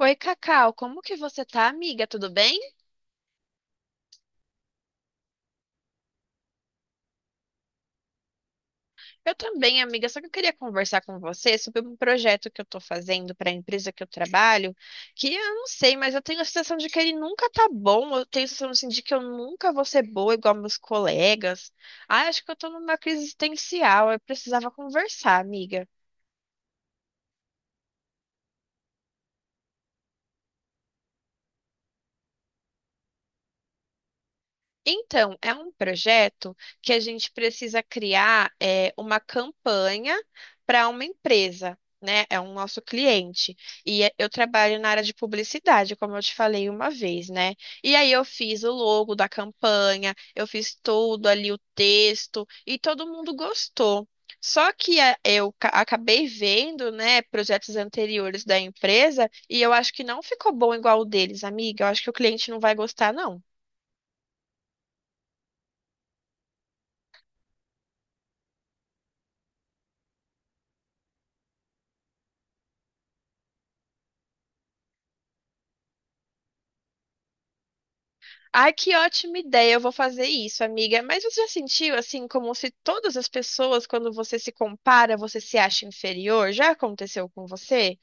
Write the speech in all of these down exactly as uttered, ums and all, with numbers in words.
Oi, Cacau, como que você tá, amiga? Tudo bem? Eu também, amiga, só que eu queria conversar com você sobre um projeto que eu tô fazendo para a empresa que eu trabalho, que eu não sei, mas eu tenho a sensação de que ele nunca tá bom, eu tenho a sensação assim, de que eu nunca vou ser boa igual meus colegas. Ah, acho que eu tô numa crise existencial, eu precisava conversar, amiga. Então, é um projeto que a gente precisa criar é, uma campanha para uma empresa, né? É um nosso cliente. E é- eu trabalho na área de publicidade, como eu te falei uma vez, né? E aí eu fiz o logo da campanha, eu fiz tudo ali, o texto, e todo mundo gostou. Só que é, eu ca- acabei vendo, né, projetos anteriores da empresa e eu acho que não ficou bom igual o deles, amiga. Eu acho que o cliente não vai gostar, não. Ai, que ótima ideia, eu vou fazer isso, amiga. Mas você já sentiu assim, como se todas as pessoas, quando você se compara, você se acha inferior? Já aconteceu com você?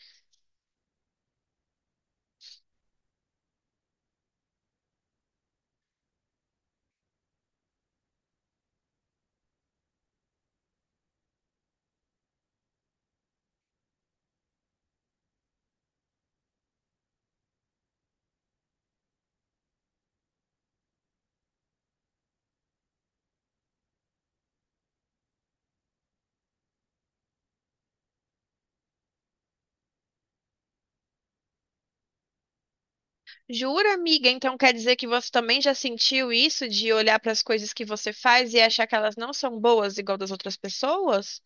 Jura, amiga? Então quer dizer que você também já sentiu isso de olhar para as coisas que você faz e achar que elas não são boas igual das outras pessoas?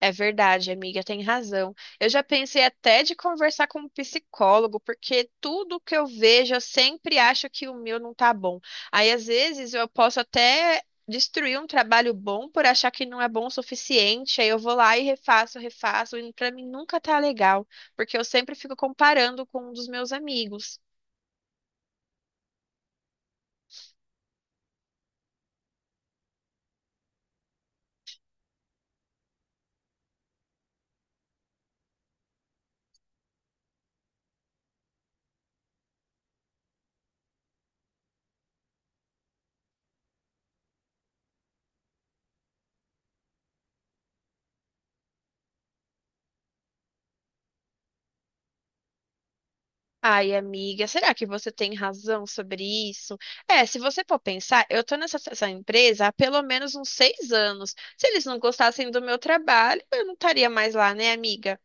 É verdade, amiga, tem razão. Eu já pensei até de conversar com um psicólogo, porque tudo que eu vejo, eu sempre acho que o meu não tá bom. Aí, às vezes, eu posso até destruir um trabalho bom por achar que não é bom o suficiente. Aí eu vou lá e refaço, refaço, e pra mim nunca tá legal, porque eu sempre fico comparando com um dos meus amigos. Ai, amiga, será que você tem razão sobre isso? É, se você for pensar, eu tô nessa essa empresa há pelo menos uns seis anos. Se eles não gostassem do meu trabalho, eu não estaria mais lá, né, amiga?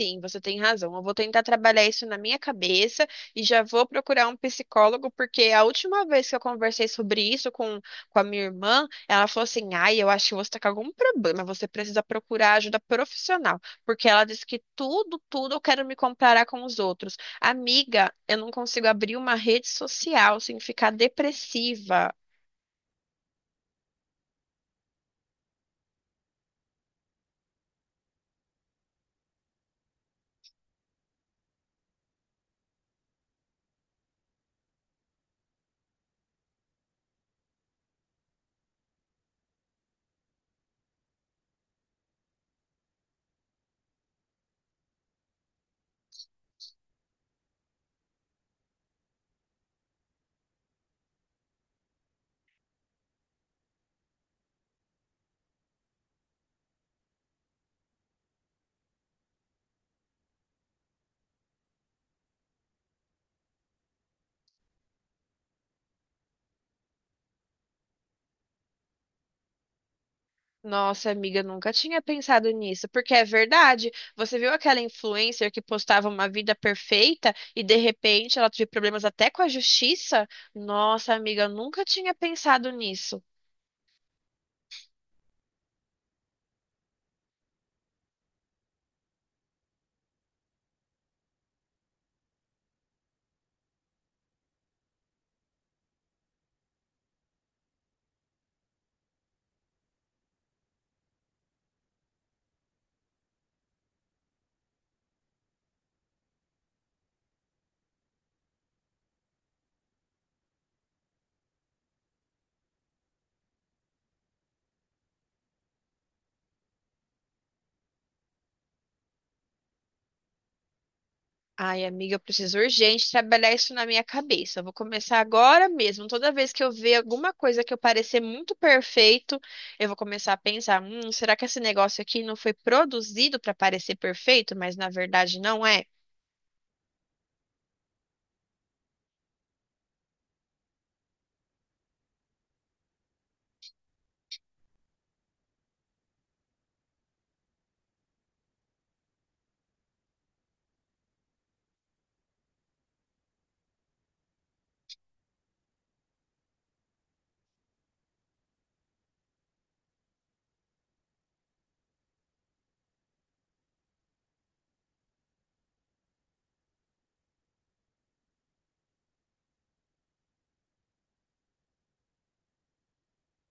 Sim, você tem razão. Eu vou tentar trabalhar isso na minha cabeça e já vou procurar um psicólogo, porque a última vez que eu conversei sobre isso com, com a minha irmã, ela falou assim: ai, eu acho que você está com algum problema, você precisa procurar ajuda profissional, porque ela disse que tudo, tudo eu quero me comparar com os outros. Amiga, eu não consigo abrir uma rede social sem ficar depressiva. Nossa, amiga, nunca tinha pensado nisso, porque é verdade. Você viu aquela influencer que postava uma vida perfeita e de repente ela teve problemas até com a justiça? Nossa, amiga, eu nunca tinha pensado nisso. Ai, amiga, eu preciso urgente trabalhar isso na minha cabeça. Eu vou começar agora mesmo. Toda vez que eu ver alguma coisa que eu parecer muito perfeito, eu vou começar a pensar: hum, será que esse negócio aqui não foi produzido para parecer perfeito, mas na verdade não é?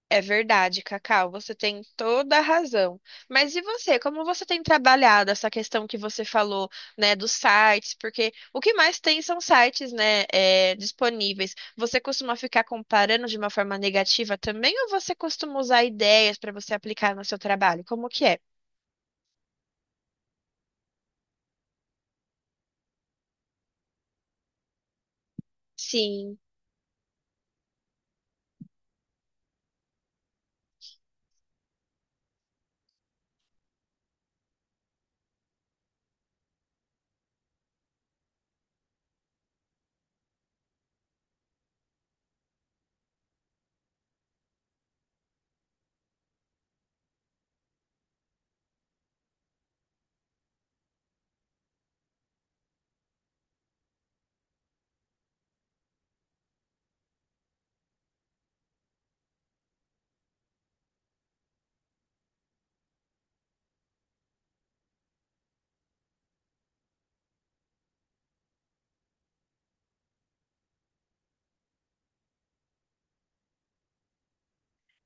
É verdade, Cacau, você tem toda a razão. Mas e você, como você tem trabalhado essa questão que você falou, né, dos sites? Porque o que mais tem são sites, né, é, disponíveis. Você costuma ficar comparando de uma forma negativa também, ou você costuma usar ideias para você aplicar no seu trabalho? Como que é? Sim.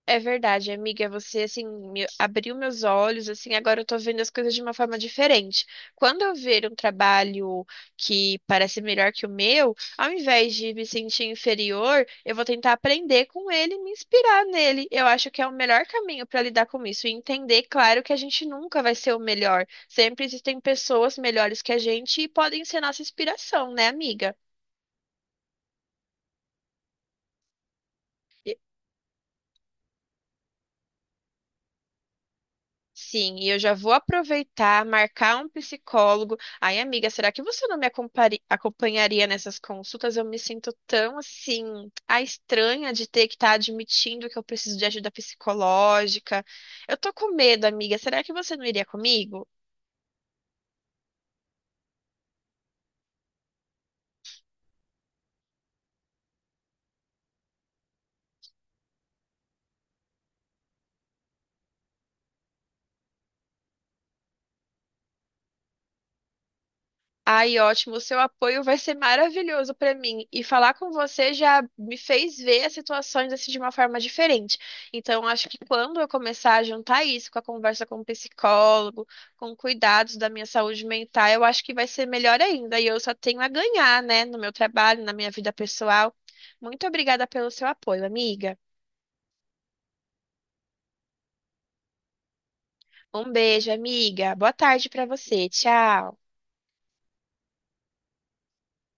É verdade, amiga, você assim me abriu meus olhos, assim, agora eu tô vendo as coisas de uma forma diferente. Quando eu ver um trabalho que parece melhor que o meu, ao invés de me sentir inferior, eu vou tentar aprender com ele e me inspirar nele. Eu acho que é o melhor caminho para lidar com isso e entender, claro, que a gente nunca vai ser o melhor. Sempre existem pessoas melhores que a gente e podem ser nossa inspiração, né, amiga? Sim, e eu já vou aproveitar, marcar um psicólogo. Ai, amiga, será que você não me acompari- acompanharia nessas consultas? Eu me sinto tão assim, a estranha de ter que estar admitindo que eu preciso de ajuda psicológica. Eu tô com medo, amiga. Será que você não iria comigo? Ai, ótimo, o seu apoio vai ser maravilhoso para mim. E falar com você já me fez ver as situações assim de uma forma diferente. Então, acho que quando eu começar a juntar isso com a conversa com o psicólogo, com cuidados da minha saúde mental, eu acho que vai ser melhor ainda. E eu só tenho a ganhar, né, no meu trabalho, na minha vida pessoal. Muito obrigada pelo seu apoio, amiga. Um beijo, amiga. Boa tarde para você. Tchau.